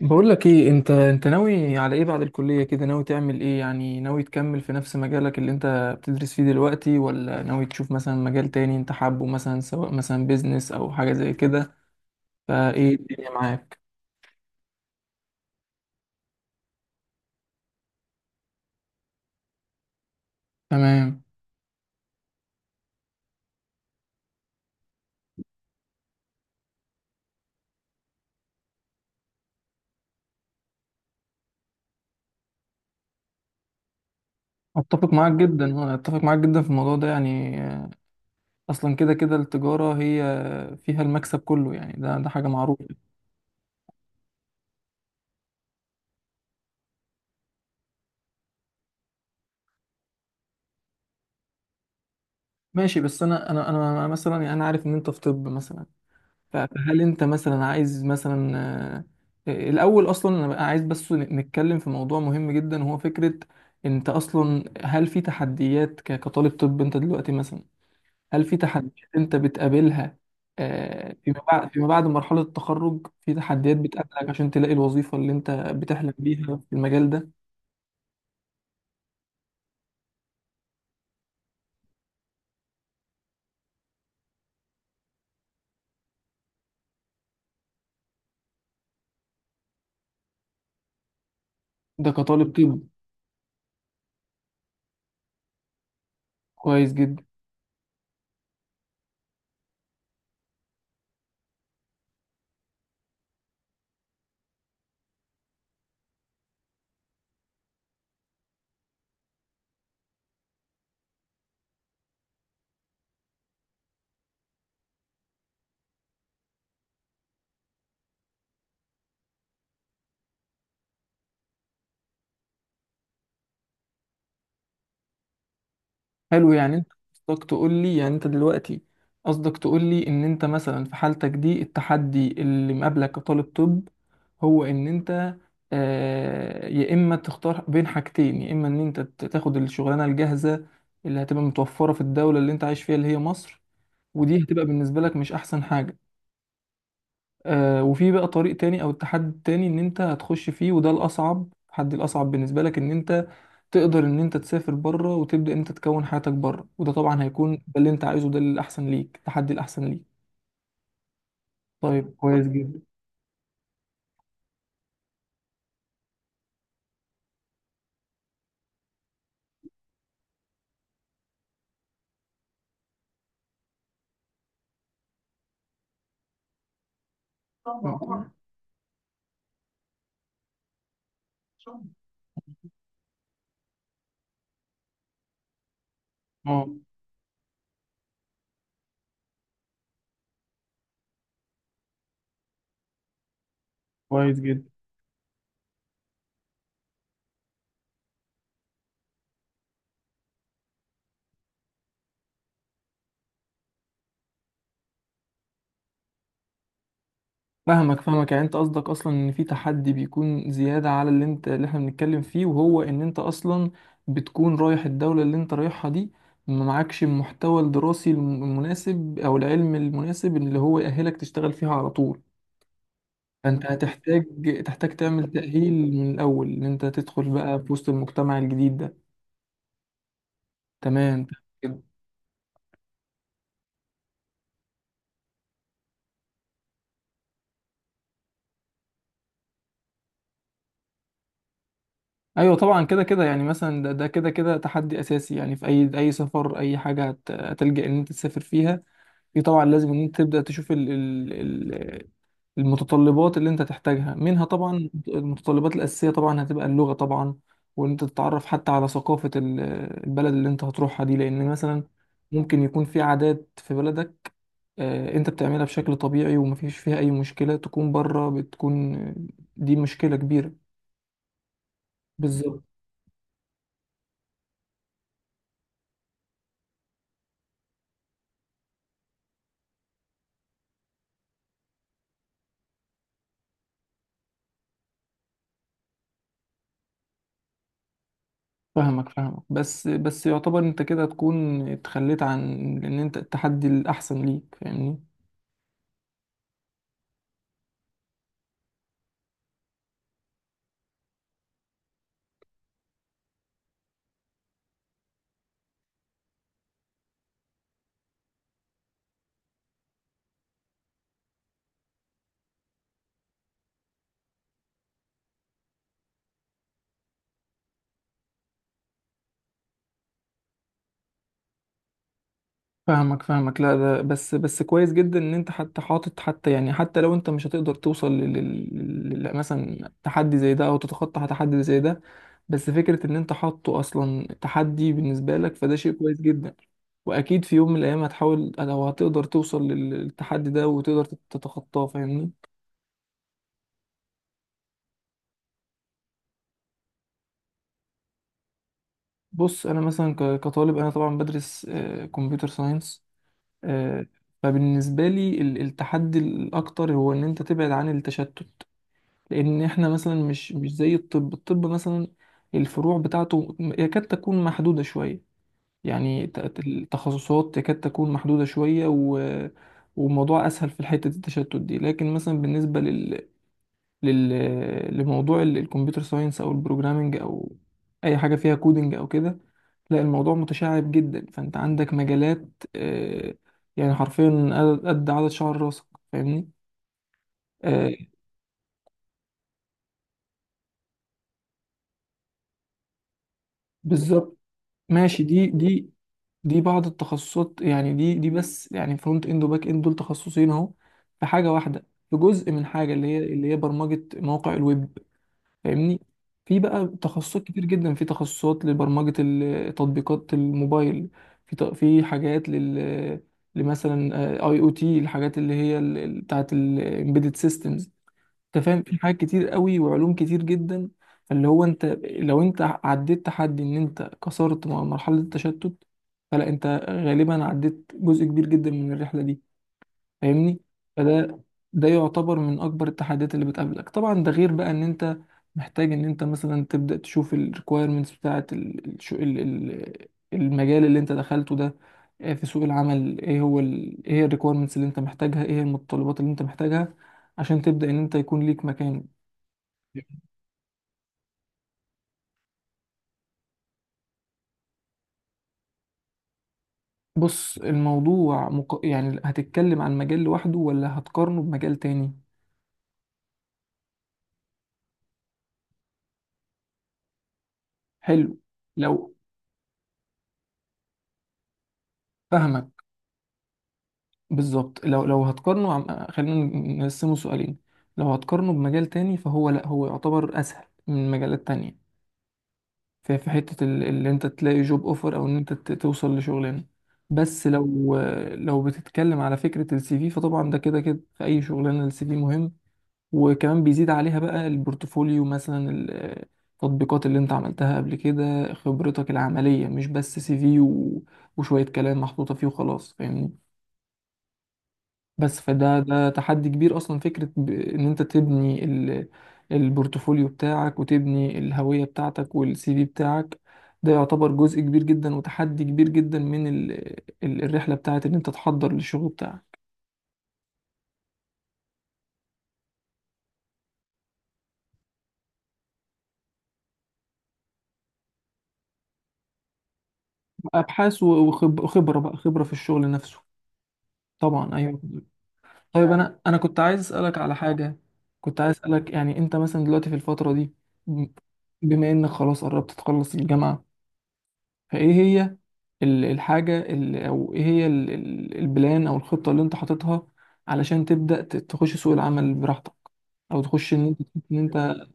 بقول لك ايه، انت ناوي على ايه بعد الكلية؟ كده ناوي تعمل ايه يعني؟ ناوي تكمل في نفس مجالك اللي انت بتدرس فيه دلوقتي، ولا ناوي تشوف مثلا مجال تاني انت حابه، مثلا سواء مثلا بيزنس او حاجة زي كده؟ فايه الدنيا معاك؟ تمام. اتفق معاك جدا، اه اتفق معاك جدا في الموضوع ده، يعني اصلا كده كده التجارة هي فيها المكسب كله، يعني ده حاجة معروفة. ماشي بس انا مثلا، يعني انا عارف ان انت في طب مثلا. فهل انت مثلا عايز مثلا آه، الاول، اصلا انا بقى عايز بس نتكلم في موضوع مهم جدا، وهو فكرة انت اصلا، هل في تحديات كطالب طب انت دلوقتي؟ مثلا هل في تحديات انت بتقابلها فيما بعد، فيما بعد مرحلة التخرج؟ في تحديات بتقابلك عشان تلاقي الوظيفة اللي انت بتحلم بيها في المجال ده؟ ده كطالب طب. كويس جدا. حلو، يعني انت قصدك تقول لي، يعني انت دلوقتي قصدك تقول لي ان انت مثلا في حالتك دي التحدي اللي مقابلك كطالب طب هو ان انت، آه، يا اما تختار بين حاجتين، يا اما ان انت تاخد الشغلانه الجاهزه اللي هتبقى متوفره في الدوله اللي انت عايش فيها، اللي هي مصر، ودي هتبقى بالنسبه لك مش احسن حاجه. آه، وفي بقى طريق تاني او التحدي التاني ان انت هتخش فيه، وده الاصعب، التحدي الاصعب بالنسبه لك ان انت تقدر ان انت تسافر بره وتبدا انت تكون حياتك بره، وده طبعا هيكون ده اللي انت عايزه، ده الاحسن ليك، التحدي الاحسن ليك. طيب كويس جدا. اه. آه، كويس جدا. فاهمك فاهمك، يعني انت قصدك اصلا ان في تحدي بيكون زيادة على اللي انت، اللي احنا بنتكلم فيه، وهو ان انت اصلا بتكون رايح الدولة اللي انت رايحها دي، ما معكش المحتوى الدراسي المناسب او العلم المناسب اللي هو يأهلك تشتغل فيها على طول. فانت هتحتاج، تحتاج تعمل تأهيل من الاول ان انت تدخل بقى في وسط المجتمع الجديد ده. تمام كده. ايوه طبعا، كده كده يعني مثلا، ده ده كده كده تحدي اساسي يعني في اي اي سفر، اي حاجه هتلجأ ان انت تسافر فيها. في طبعا لازم ان انت تبدا تشوف ال المتطلبات اللي انت تحتاجها، منها طبعا المتطلبات الاساسيه، طبعا هتبقى اللغه طبعا، وان انت تتعرف حتى على ثقافه البلد اللي انت هتروحها دي، لان مثلا ممكن يكون في عادات في بلدك انت بتعملها بشكل طبيعي ومفيش فيها اي مشكله، تكون بره بتكون دي مشكله كبيره. بالظبط. فاهمك فاهمك، بس بس يعتبر انت كده تكون اتخليت عن ان انت التحدي الاحسن ليك، فاهمني؟ فاهمك فاهمك. لا ده بس، بس كويس جدا ان انت حتى حاطط، حتى يعني، حتى لو انت مش هتقدر توصل لل... لل... مثلا تحدي زي ده، او تتخطى تحدي زي ده، بس فكرة ان انت حاطه اصلا تحدي بالنسبة لك فده شيء كويس جدا، واكيد في يوم من الايام هتحاول، لو هتقدر توصل للتحدي ده، وتقدر تتخطاه، فاهمني؟ بص، انا مثلا كطالب انا طبعا بدرس كمبيوتر ساينس، آه، فبالنسبة لي التحدي الاكتر هو ان انت تبعد عن التشتت، لان احنا مثلا مش زي الطب، الطب مثلا الفروع بتاعته يكاد تكون محدودة شوية، يعني التخصصات يكاد تكون محدودة شوية و... وموضوع اسهل في حتة التشتت دي. لكن مثلا بالنسبة لل... لل... لموضوع الكمبيوتر ساينس او البروجرامينج او اي حاجة فيها كودينج او كده، لا الموضوع متشعب جدا، فانت عندك مجالات آه، يعني حرفيا قد قد عدد شعر راسك، فاهمني؟ آه، بالظبط. ماشي دي بعض التخصصات، يعني دي بس، يعني فرونت اند وباك اند دول تخصصين اهو، في حاجه واحده، في جزء من حاجه اللي هي، اللي هي برمجه مواقع الويب، فاهمني؟ في بقى تخصصات كتير جدا، في تخصصات لبرمجه تطبيقات الموبايل، في في حاجات لل لمثلا اي او تي، الحاجات اللي هي بتاعت الامبيدد systems، انت فاهم؟ في حاجات كتير قوي وعلوم كتير جدا. فاللي هو انت، لو انت عديت تحدي ان انت كسرت مرحلة التشتت، فلا انت غالبا عديت جزء كبير جدا من الرحلة دي، فاهمني؟ فده ده يعتبر من اكبر التحديات اللي بتقابلك. طبعا ده غير بقى ان انت محتاج ان انت مثلا تبدا تشوف الريكويرمنتس بتاعه المجال اللي انت دخلته ده في سوق العمل، ايه هو ال... ايه هي الريكويرمنتس اللي انت محتاجها، ايه هي المتطلبات اللي انت محتاجها عشان تبدا ان انت يكون ليك مكان. بص الموضوع مق... يعني هتتكلم عن مجال لوحده ولا هتقارنه بمجال تاني؟ حلو. لو فاهمك. بالظبط، لو هتقارنه عم... خلينا نقسمه سؤالين. لو هتقارنه بمجال تاني فهو، لا هو يعتبر اسهل من مجالات تانية، في في حتة اللي انت تلاقي جوب اوفر او ان انت توصل لشغلانة. بس لو بتتكلم على فكرة السي في فطبعا ده كده كده في اي شغلانة السي في مهم، وكمان بيزيد عليها بقى البورتفوليو، مثلا التطبيقات اللي انت عملتها قبل كده، خبرتك العملية، مش بس سي في و... وشوية كلام محطوطة فيه وخلاص، فاهمني؟ بس فده ده تحدي كبير، اصلا فكرة ان انت تبني البورتفوليو بتاعك وتبني الهوية بتاعتك والسي في بتاعك، ده يعتبر جزء كبير جدا وتحدي كبير جدا من الرحلة بتاعت ان انت تحضر للشغل بتاعك. ابحاث وخبرة بقى، خبرة في الشغل نفسه طبعا، ايوه. طيب انا كنت عايز اسألك على حاجة. كنت عايز اسألك، يعني انت مثلا دلوقتي في الفترة دي، بما انك خلاص قربت تخلص الجامعة، فايه هي الحاجة او ايه هي البلان او الخطة اللي انت حاططها، علشان تبدأ تخش سوق العمل براحتك، او تخش ان انت.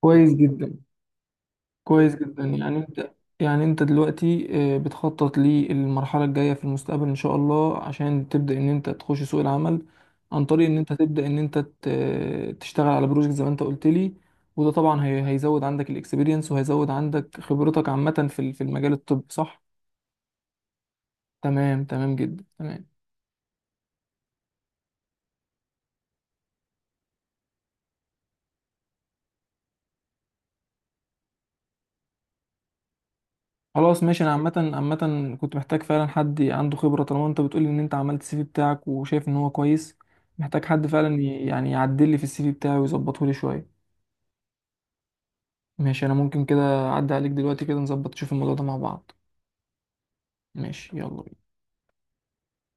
كويس جدا، كويس جدا، يعني انت دلوقتي بتخطط للمرحلة الجاية في المستقبل ان شاء الله، عشان تبدأ ان انت تخش سوق العمل عن طريق ان انت تبدأ ان انت تشتغل على بروجكت زي ما انت قلت لي، وده طبعا هيزود عندك الاكسبيرينس وهيزود عندك خبرتك عامة في في المجال الطبي، صح؟ تمام، تمام جدا، تمام. خلاص ماشي. انا عامه عامه كنت محتاج فعلا حد عنده خبره. طالما انت بتقولي ان انت عملت السي في بتاعك وشايف ان هو كويس، محتاج حد فعلا يعني يعدل لي في السي في بتاعي ويظبطه لي شويه. ماشي. انا ممكن كده اعدي عليك دلوقتي كده، نظبط نشوف الموضوع ده مع بعض. ماشي يلا.